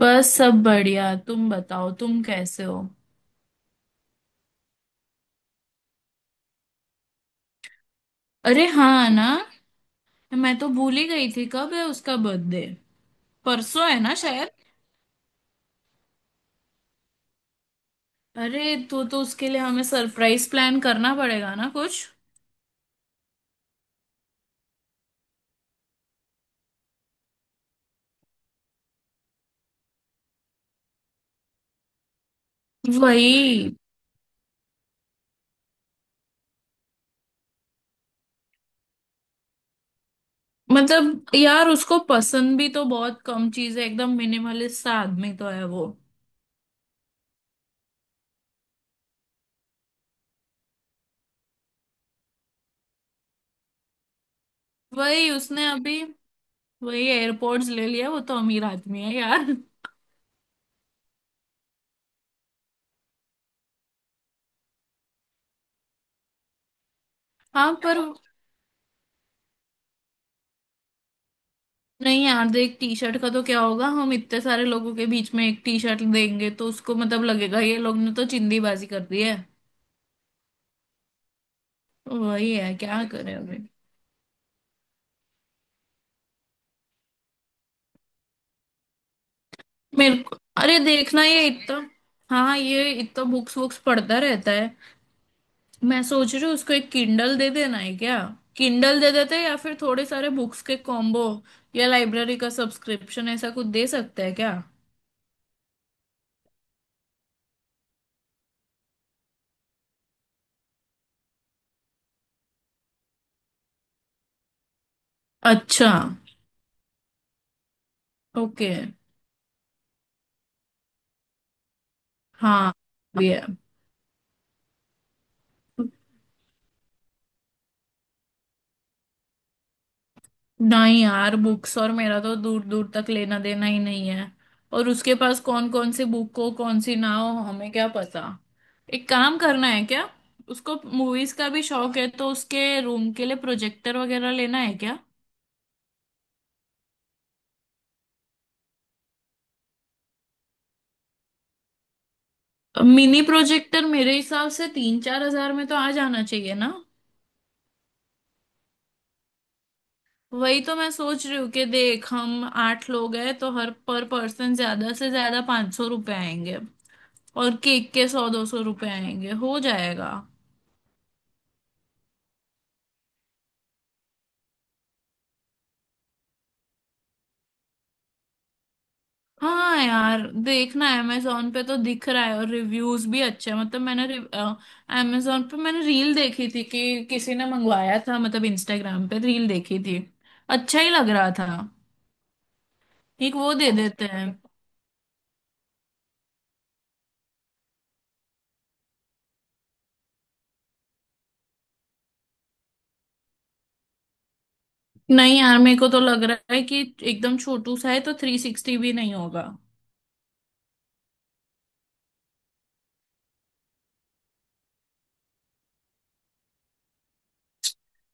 बस सब बढ़िया। तुम बताओ, तुम कैसे हो? अरे हाँ ना। मैं तो भूल ही गई थी, कब है उसका बर्थडे? परसों है ना शायद। अरे तो उसके लिए हमें सरप्राइज प्लान करना पड़ेगा ना कुछ। वही। मतलब यार, उसको पसंद भी तो बहुत कम चीज है। एकदम मिनिमलिस्ट सा आदमी तो है वो। वही उसने अभी वही एयरपोर्ट्स ले लिया। वो तो अमीर आदमी है यार। हाँ पर नहीं यार, देख, टी शर्ट का तो क्या होगा? हम इतने सारे लोगों के बीच में एक टी शर्ट देंगे तो उसको मतलब लगेगा ये लोग ने तो चिंदीबाजी कर दी है। तो वही है, क्या करें अभी। मेरे को अरे देखना ये इतना, हाँ ये इतना बुक्स वुक्स पढ़ता रहता है। मैं सोच रही हूँ उसको एक किंडल दे देना है क्या। किंडल दे देते हैं, या फिर थोड़े सारे बुक्स के कॉम्बो, या लाइब्रेरी का सब्सक्रिप्शन, ऐसा कुछ दे सकता है क्या? अच्छा। ओके। हाँ भी है। नहीं यार, बुक्स और मेरा तो दूर दूर तक लेना देना ही नहीं है। और उसके पास कौन कौन सी बुक हो कौन सी ना हो हमें क्या पता। एक काम करना है क्या। उसको मूवीज का भी शौक है, तो उसके रूम के लिए प्रोजेक्टर वगैरह लेना है क्या? मिनी प्रोजेक्टर मेरे हिसाब से 3-4 हज़ार में तो आ जाना चाहिए ना। वही तो मैं सोच रही हूँ कि देख, हम 8 लोग हैं तो हर पर पर्सन ज्यादा से ज्यादा 500 रुपये आएंगे। और केक के 100-200 रुपये, आएंगे हो जाएगा। हाँ यार, देखना है, अमेजोन पे तो दिख रहा है और रिव्यूज भी अच्छे हैं। मतलब मैंने अमेजोन पे मैंने रील देखी थी कि किसी ने मंगवाया था। मतलब इंस्टाग्राम पे रील देखी थी। अच्छा ही लग रहा था। एक वो दे देते हैं। नहीं यार, मेरे को तो लग रहा है कि एकदम छोटू सा है तो 360 भी नहीं होगा।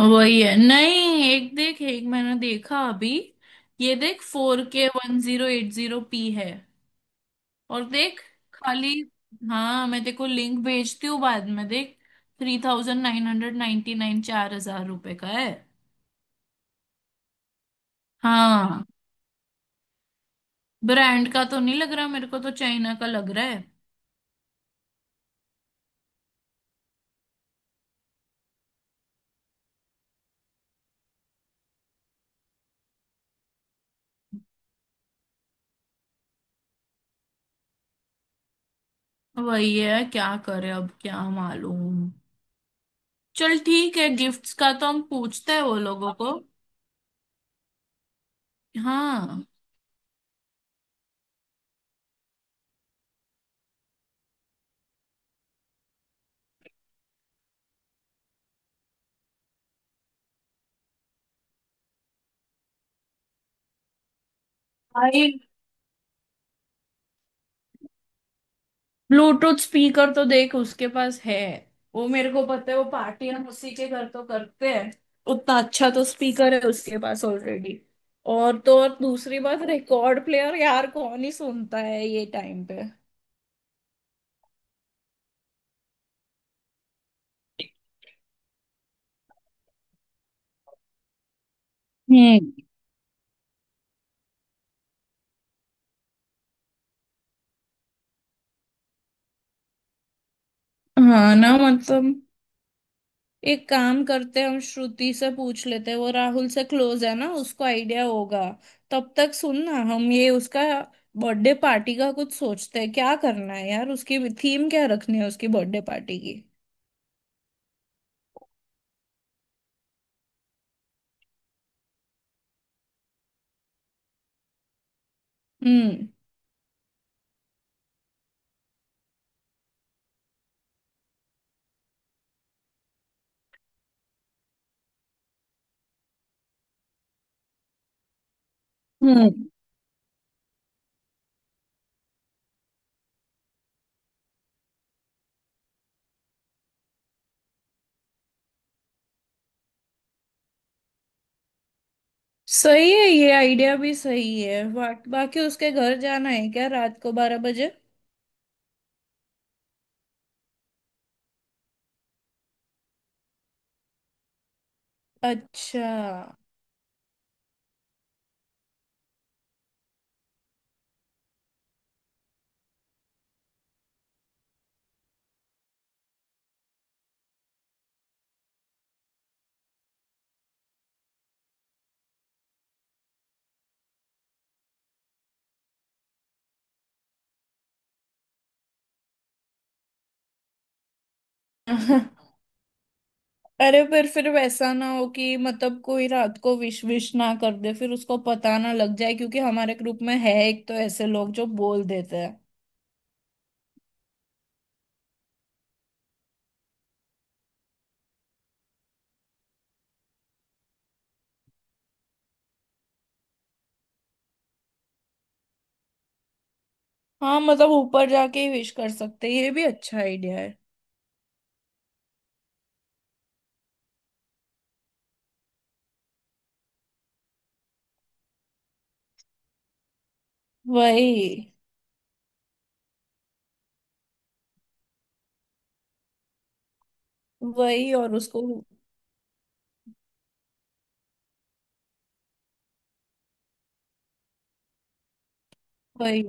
वही है, नहीं एक देख, एक मैंने देखा अभी। ये देख, 4K 1080p है। और देख खाली। हाँ मैं तेको लिंक भेजती हूँ, बाद में देख। 3999, 4000 रुपये का है। हाँ ब्रांड का तो नहीं लग रहा, मेरे को तो चाइना का लग रहा है। वही है, क्या करे अब, क्या मालूम। चल ठीक है, गिफ्ट्स का तो हम पूछते हैं वो लोगों को। हाँ भाई। ब्लूटूथ स्पीकर तो देख उसके पास है। वो मेरे को पता है, वो पार्टी हम उसी के घर तो करते हैं। उतना अच्छा तो स्पीकर है उसके पास ऑलरेडी। और तो और दूसरी बात, रिकॉर्ड प्लेयर यार कौन ही सुनता है ये टाइम पे। हम्म। हाँ ना मतलब एक काम करते हैं, हम श्रुति से पूछ लेते हैं। वो राहुल से क्लोज है ना, उसको आइडिया होगा। तब तक सुन ना, हम ये उसका बर्थडे पार्टी का कुछ सोचते हैं क्या करना है। यार उसकी थीम क्या रखनी है उसकी बर्थडे पार्टी की। हम्म। हम्म। सही है, ये आइडिया भी सही है। बाकी उसके घर जाना है क्या रात को 12 बजे? अच्छा। अरे फिर वैसा ना हो कि मतलब कोई रात को विश विश ना कर दे, फिर उसको पता ना लग जाए। क्योंकि हमारे ग्रुप में है एक तो ऐसे लोग जो बोल देते हैं। हाँ मतलब ऊपर जाके ही विश कर सकते हैं, ये भी अच्छा आइडिया है। वही वही और उसको वही।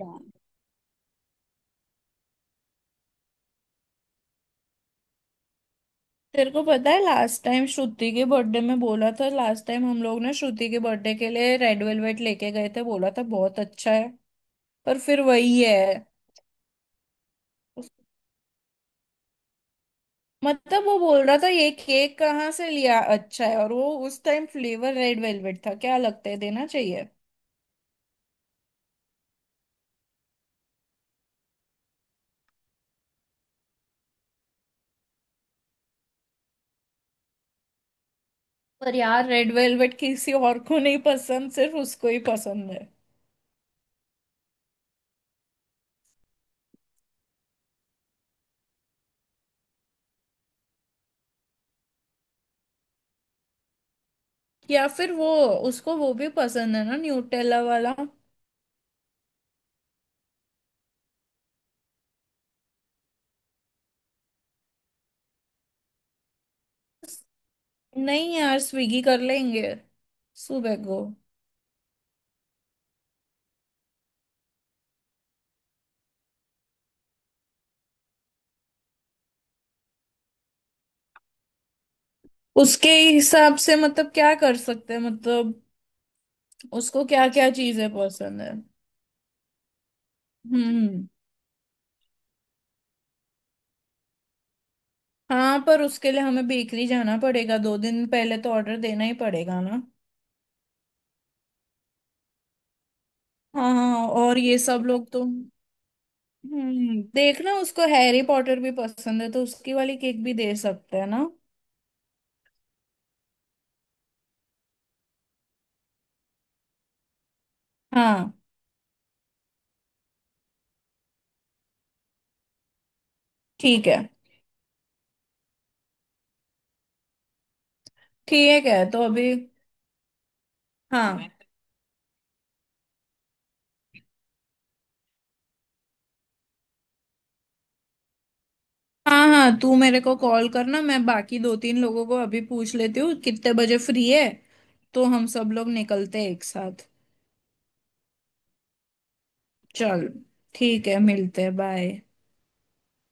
तेरे को पता है लास्ट टाइम श्रुति के बर्थडे में बोला था, लास्ट टाइम हम लोग ना श्रुति के बर्थडे के लिए रेड वेलवेट लेके गए थे, बोला था बहुत अच्छा है। पर फिर वही है, मतलब वो बोल रहा था ये केक कहाँ से लिया, अच्छा है। और वो उस टाइम फ्लेवर रेड वेलवेट था, क्या लगता है देना चाहिए? पर यार रेड वेलवेट किसी और को नहीं पसंद, सिर्फ उसको ही पसंद है। या फिर वो, उसको वो भी पसंद है ना, न्यूटेला वाला। नहीं यार, स्विगी कर लेंगे सुबह को। उसके हिसाब से मतलब क्या कर सकते हैं, मतलब उसको क्या क्या चीजें पसंद है। हम्म। हाँ पर उसके लिए हमें बेकरी जाना पड़ेगा, 2 दिन पहले तो ऑर्डर देना ही पड़ेगा ना। हाँ हाँ, और ये सब लोग तो, देखना उसको हैरी पॉटर भी पसंद है, तो उसकी वाली केक भी दे सकते हैं ना। हाँ ठीक है। ठीक है तो अभी, हाँ हाँ हाँ, तू मेरे को कॉल करना, मैं बाकी 2-3 लोगों को अभी पूछ लेती हूँ कितने बजे फ्री है। तो हम सब लोग निकलते हैं एक साथ। चल ठीक है, मिलते हैं, बाय।